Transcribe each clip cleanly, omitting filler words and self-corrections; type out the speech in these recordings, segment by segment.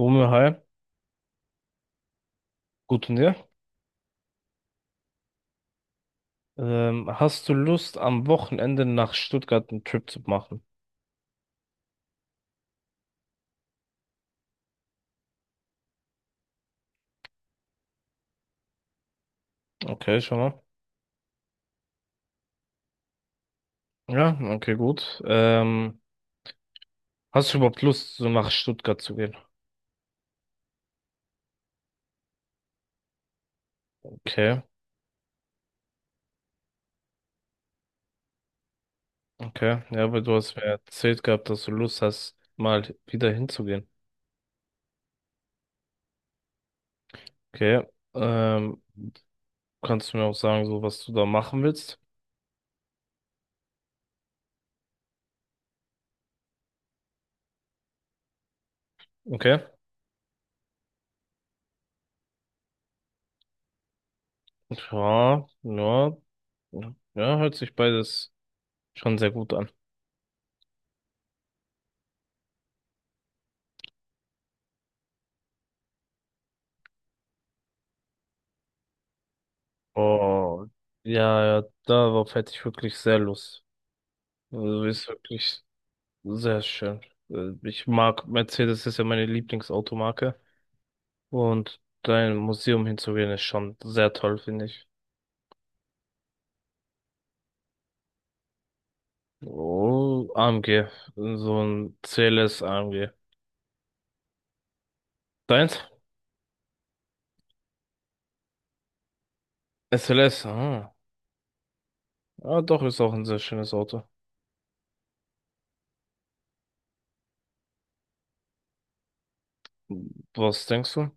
Romeo, hi, gut und dir? Hast du Lust, am Wochenende nach Stuttgart einen Trip zu machen? Okay, schau mal. Ja, okay, gut. Hast du überhaupt Lust, so nach Stuttgart zu gehen? Okay, okay. Ja, weil du hast mir erzählt gehabt, dass du Lust hast, mal wieder hinzugehen. Okay. Ähm, Kannst du mir auch sagen, so was du da machen willst? Okay. Ja, ja. Ja, hört sich beides schon sehr gut an. Oh, ja, ja, darauf hätte ich wirklich sehr Lust. Also ist wirklich sehr schön. Ich mag Mercedes, ist ja meine Lieblingsautomarke. Und da in ein Museum hinzugehen, ist schon sehr toll, finde ich. Oh, AMG. So ein CLS AMG. Deins? SLS, ah. Ja, doch, ist auch ein sehr schönes Auto. Was denkst du?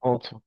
Auto.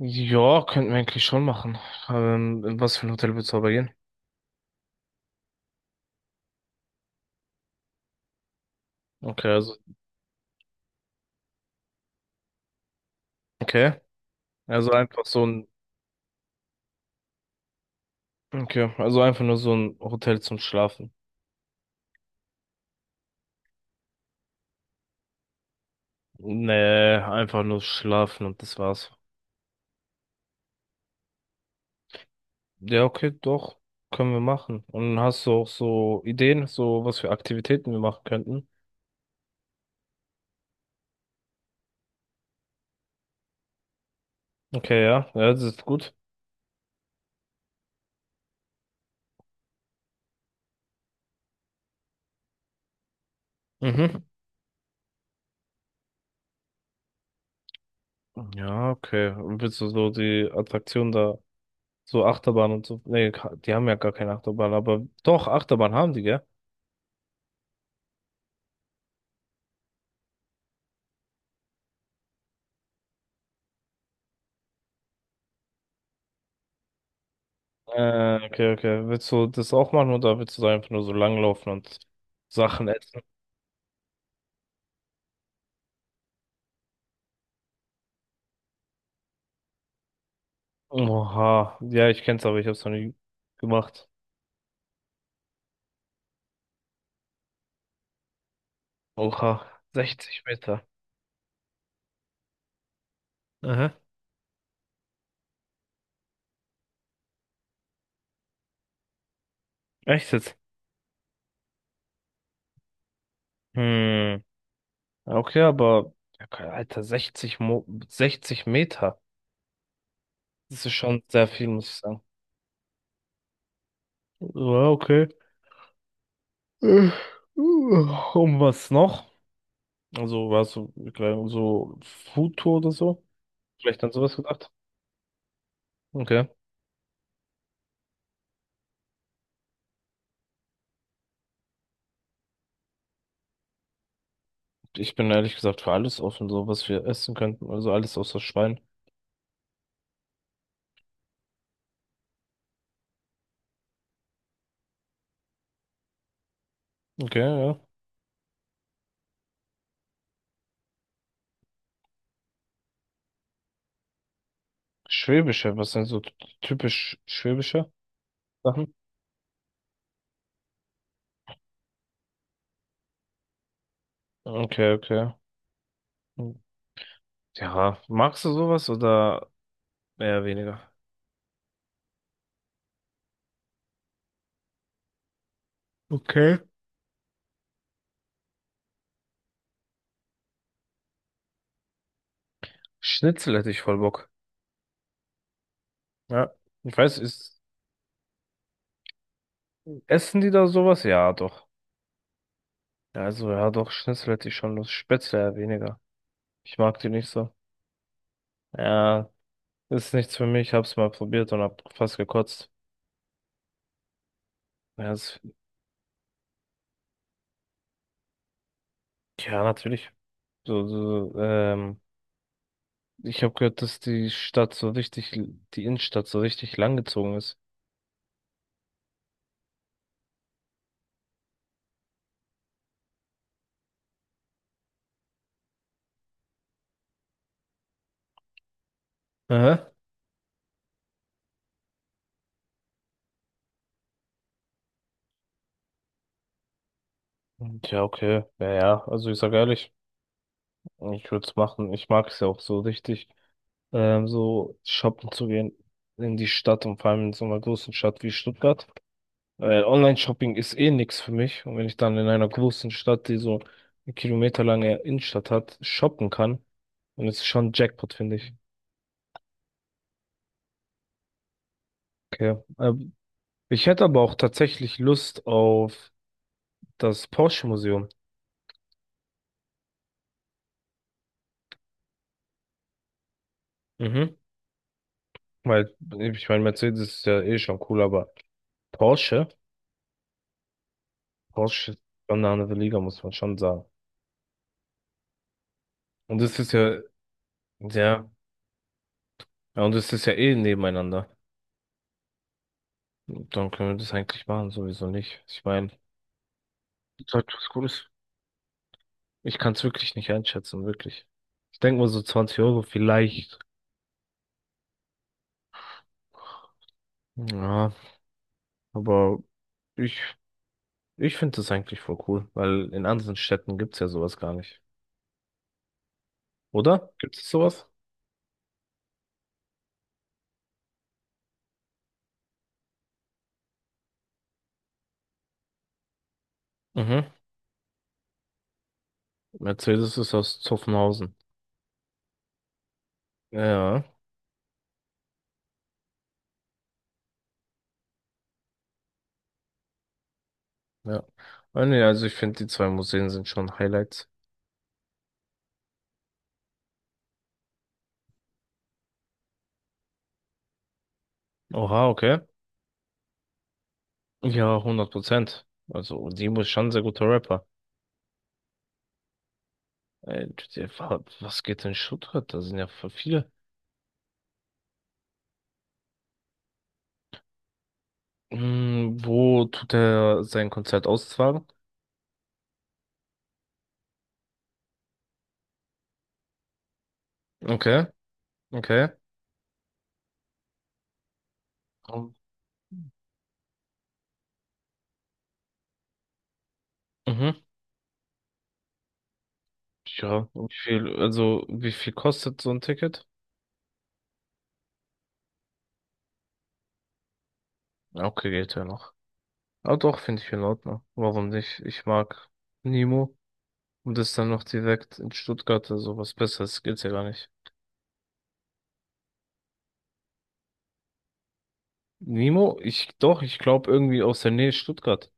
Ja, könnten wir eigentlich schon machen. In was für ein Hotel willst du aber gehen? Okay, also, okay. Also einfach so ein, okay, also einfach nur so ein Hotel zum Schlafen. Nee, einfach nur schlafen und das war's. Ja, okay, doch. Können wir machen. Und hast du auch so Ideen, so was für Aktivitäten wir machen könnten? Okay, ja, ja, das ist gut. Mhm. Ja, okay. Und willst du so die Attraktion da, so Achterbahn und so? Nee, die haben ja gar keine Achterbahn, aber doch, Achterbahn haben die, gell? Okay, okay. Willst du das auch machen oder willst du da einfach nur so langlaufen und Sachen essen? Oha. Ja, ich kenn's, aber ich hab's noch nie gemacht. Oha. 60 Meter. Aha. Echt jetzt? Hm. Okay, aber ja, keine- Alter, 60 Meter. Das ist schon sehr viel, muss ich sagen. Ja, okay. Äh, Und was noch? Also, warst du gleich so Foodtour oder so? Vielleicht an sowas gedacht? Okay. Ich bin ehrlich gesagt für alles offen, so was wir essen könnten. Also alles außer Schwein. Okay, ja. Schwäbische, was sind so typisch schwäbische Sachen? Okay, okay. Hm, ja, magst du sowas oder mehr oder weniger. Okay. Schnitzel hätte ich voll Bock. Ja. Ich weiß, ist, essen die da sowas? Ja, doch. Ja, also, ja, doch, Schnitzel hätte ich schon Lust. Spätzle eher weniger. Ich mag die nicht so. Ja, ist nichts für mich. Hab's mal probiert und hab fast gekotzt. Ja, ist, ja, natürlich. So, so, ich habe gehört, dass die Stadt so richtig, die Innenstadt so richtig langgezogen ist. Aha. Ja, okay. Ja, ja. Also, ich sag ehrlich, ich würde es machen. Ich mag es ja auch so richtig. So shoppen zu gehen in die Stadt und vor allem in so einer großen Stadt wie Stuttgart. Weil Online-Shopping ist eh nix für mich. Und wenn ich dann in einer großen Stadt, die so eine kilometerlange Innenstadt hat, shoppen kann, dann ist es schon Jackpot, finde ich. Okay. Ich hätte aber auch tatsächlich Lust auf das Porsche-Museum. Mhm. Weil, ich meine, Mercedes ist ja eh schon cool, aber Porsche, Porsche ist schon eine andere Liga, muss man schon sagen. Und das ist ja, ja, ja, und es ist ja eh nebeneinander. Dann können wir das eigentlich machen, sowieso nicht. Ich meine, das ist halt was Gutes. Ich kann es wirklich nicht einschätzen, wirklich. Ich denke mal so 20 Euro vielleicht. Ja, aber ich, ich finde das eigentlich voll cool, weil in anderen Städten gibt's ja sowas gar nicht. Oder? Gibt es sowas? Mhm. Mercedes ist aus Zuffenhausen. Ja, ja, ja. Ah, nee, also ich finde, die zwei Museen sind schon Highlights. Oha, okay. Ja, 100%. Also, Dimo ist schon ein sehr guter Rapper. Äh, der war- Was geht in Stuttgart? Da sind ja voll viele. Hm, wo tut er sein Konzert austragen? Okay, okay. Um, mhm. Ja, wie viel, also wie viel kostet so ein Ticket? Ja, okay, geht ja noch. Ah doch, finde ich in Ordnung. Warum nicht? Ich mag Nemo. Und das dann noch direkt in Stuttgart, also was Besseres geht's ja gar nicht. Nemo? Ich, doch, ich glaube irgendwie aus der Nähe Stuttgart.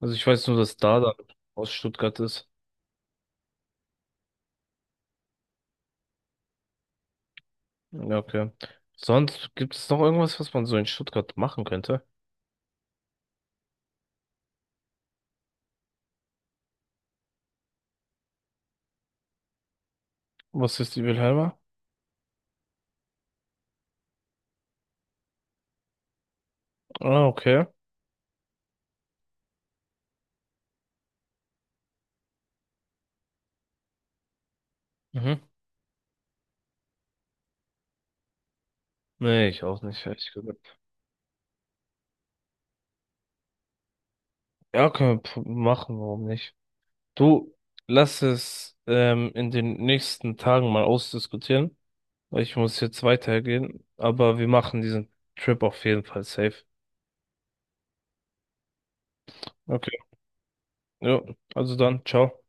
Also ich weiß nur, dass da dann aus Stuttgart ist. Ja, okay. Sonst gibt es noch irgendwas, was man so in Stuttgart machen könnte? Was ist die Wilhelma? Ah, okay. Mhm. Nee, ich auch nicht, ehrlich gesagt. Ja, können wir machen, warum nicht? Du, lass es in den nächsten Tagen mal ausdiskutieren. Weil ich muss jetzt weitergehen, aber wir machen diesen Trip auf jeden Fall safe. Okay. Ja, also dann, ciao.